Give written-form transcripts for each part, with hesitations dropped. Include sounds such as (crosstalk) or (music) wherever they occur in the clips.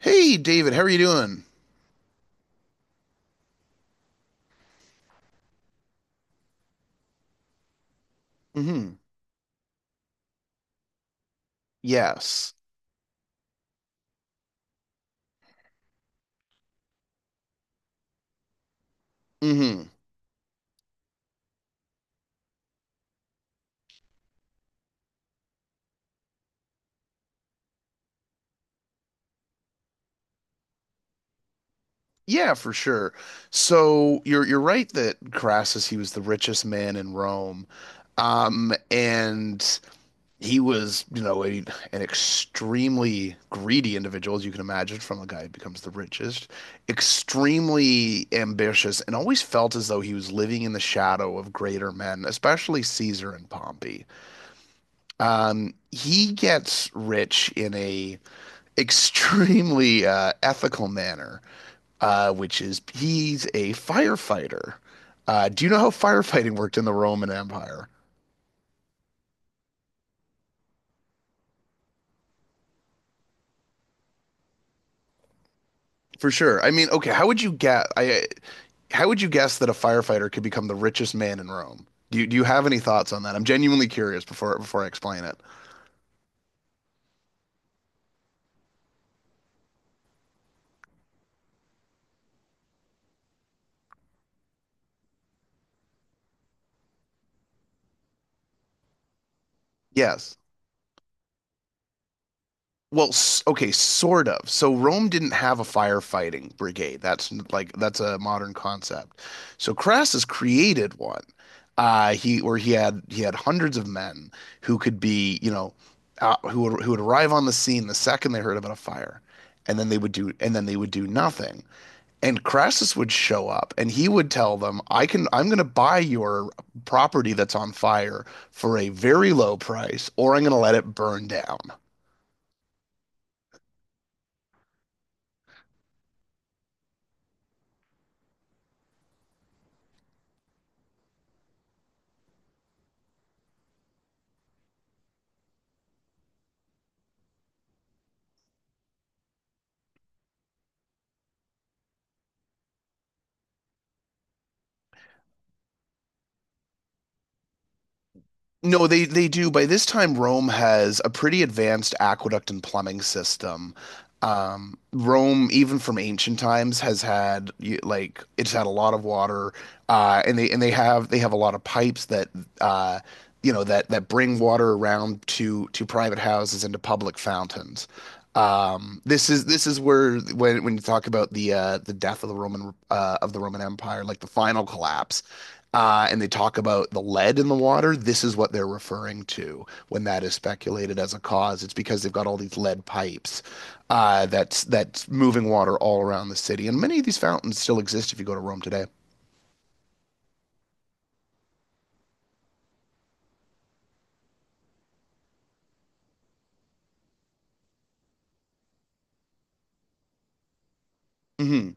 Hey, David, how are you doing? Hmm. Yes. Hmm. Yeah, for sure. So you're right that Crassus, he was the richest man in Rome. And he was, you know, an extremely greedy individual, as you can imagine, from a guy who becomes the richest, extremely ambitious, and always felt as though he was living in the shadow of greater men, especially Caesar and Pompey. He gets rich in a extremely ethical manner, which is he's a firefighter. Do you know how firefighting worked in the Roman Empire? For sure. I mean, okay, how would you guess? I How would you guess that a firefighter could become the richest man in Rome? Do you have any thoughts on that? I'm genuinely curious before I explain it. Yes. Well, okay, sort of. So Rome didn't have a firefighting brigade. Like that's a modern concept. So Crassus created one. He had hundreds of men who could be, you know, who would arrive on the scene the second they heard about a fire, and then they would do nothing. And Crassus would show up and he would tell them, I'm going to buy your property that's on fire for a very low price, or I'm going to let it burn down." No, they do. By this time, Rome has a pretty advanced aqueduct and plumbing system. Rome, even from ancient times, has had it's had a lot of water, and they have a lot of pipes that uh, you know that that bring water around to private houses and to public fountains. This is where when you talk about the death of the Roman Empire, like the final collapse, and they talk about the lead in the water, this is what they're referring to when that is speculated as a cause. It's because they've got all these lead pipes that's moving water all around the city, and many of these fountains still exist if you go to Rome today. Hmm.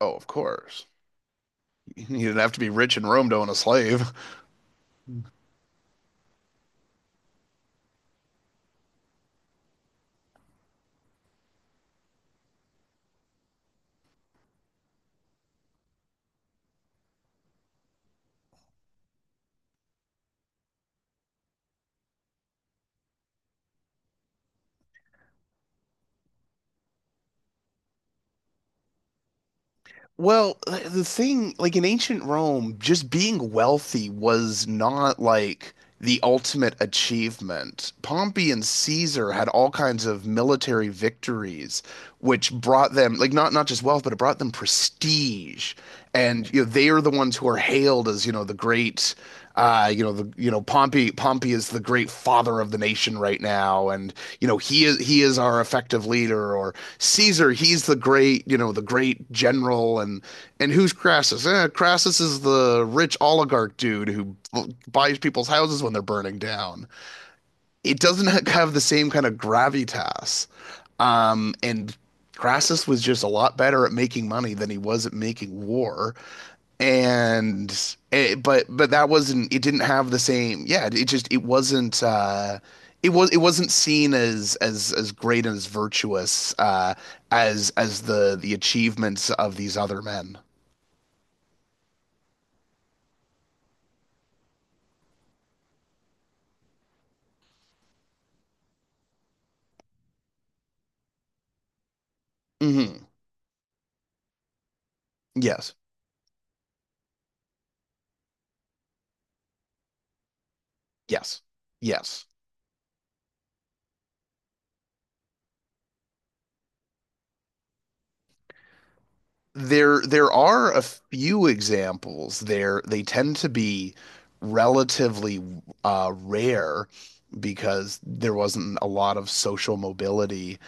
Oh, of course. (laughs) You didn't have to be rich in Rome to own a slave. Well, like, the thing, like in ancient Rome, just being wealthy was not like the ultimate achievement. Pompey and Caesar had all kinds of military victories, which brought them, like not just wealth, but it brought them prestige. And you know, they are the ones who are hailed as, you know, the great you know the you know Pompey is the great father of the nation right now, and you know he is our effective leader, or Caesar he's the great you know the great general, and who's Crassus? Eh, Crassus is the rich oligarch dude who buys people's houses when they're burning down. It doesn't have the same kind of gravitas. And Crassus was just a lot better at making money than he was at making war. And it, but that wasn't it didn't have the same yeah it just it wasn't it was it wasn't seen as as great and as virtuous as the achievements of these other men. Hmm. Yes. Yes. Yes. There are a few examples there. They tend to be relatively rare because there wasn't a lot of social mobility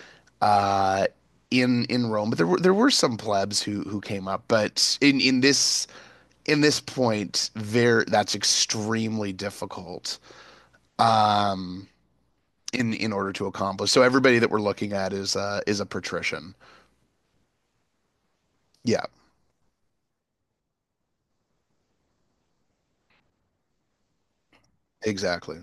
uh, in Rome. But there were some plebs who came up. But in this point, there that's extremely difficult, um, in order to accomplish. So everybody that we're looking at is a patrician. Yeah, exactly.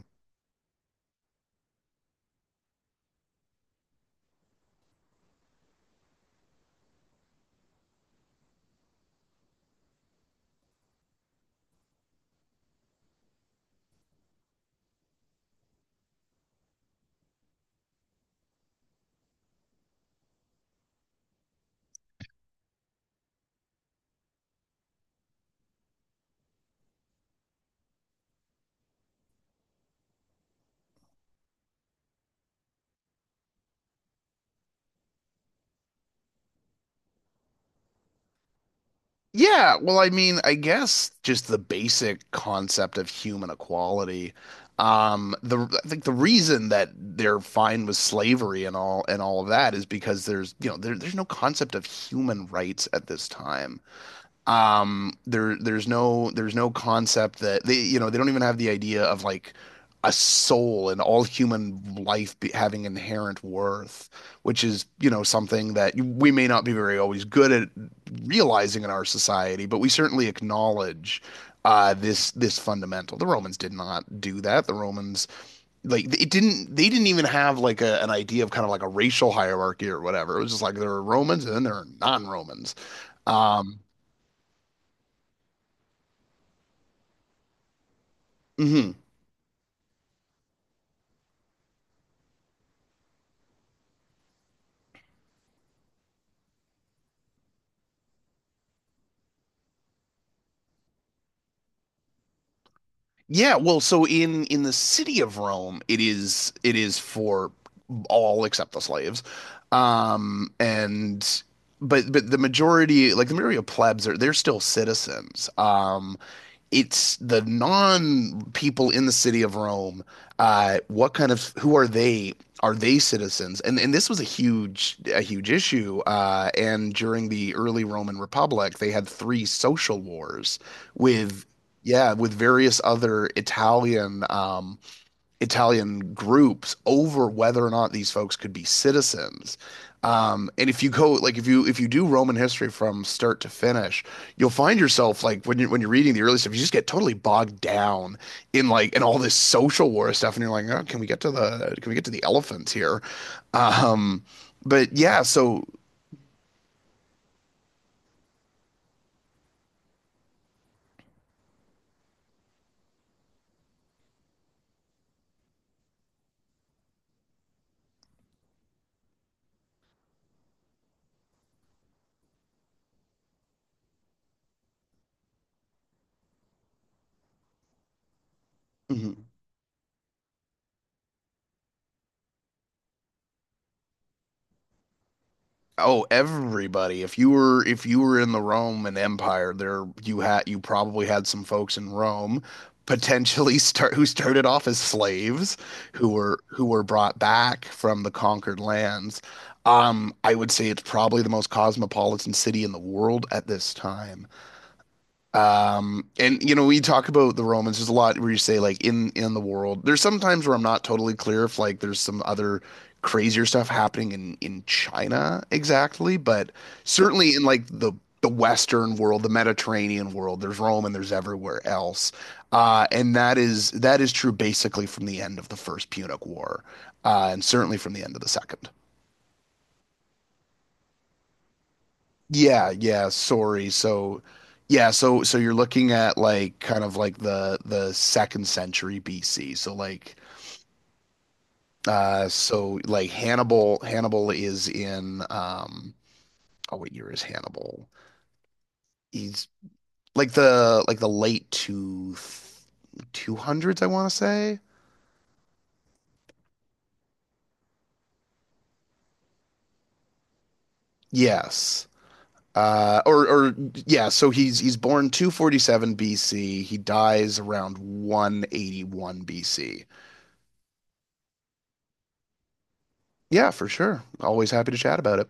Yeah, well, I mean, I guess just the basic concept of human equality. The I think the reason that they're fine with slavery and all of that is because there's you know there's no concept of human rights at this time. There's no concept that they you know they don't even have the idea of like a soul and all human life be, having inherent worth, which is you know something that we may not be very always good at realizing in our society, but we certainly acknowledge. This this fundamental. The Romans did not do that. The Romans like it didn't. They didn't even have like an idea of kind of like a racial hierarchy or whatever. It was just like there are Romans and then there are non-Romans. Um, mhm. Yeah, well, so in the city of Rome, it is for all except the slaves. And but the majority like the majority of plebs are they're still citizens. It's the non people in the city of Rome. What kind of who are they? Are they citizens? And this was a huge issue. And during the early Roman Republic, they had three social wars with yeah with various other Italian Italian groups over whether or not these folks could be citizens. And if you go like if you do Roman history from start to finish, you'll find yourself like when you're reading the early stuff, you just get totally bogged down in like and all this social war stuff, and you're like, oh, can we get to the can we get to the elephants here? Um, but yeah, so. Mhm. Oh, everybody. If you were in the Roman Empire, there you had you probably had some folks in Rome potentially (laughs) start who started off as slaves who were brought back from the conquered lands. I would say it's probably the most cosmopolitan city in the world at this time. And you know, we talk about the Romans. There's a lot where you say like in the world. There's some times where I'm not totally clear if like there's some other crazier stuff happening in China exactly, but certainly in like the Western world, the Mediterranean world, there's Rome and there's everywhere else. And that is true basically from the end of the First Punic War, and certainly from the end of the Second. Yeah, yeah, sorry. So yeah, so so you're looking at like kind of like the second century BC. So like Hannibal is in oh what year is Hannibal? He's like the late two 200s I want to say. Yes. Or yeah, so he's born 247 BC. He dies around 181 BC. Yeah, for sure. Always happy to chat about it.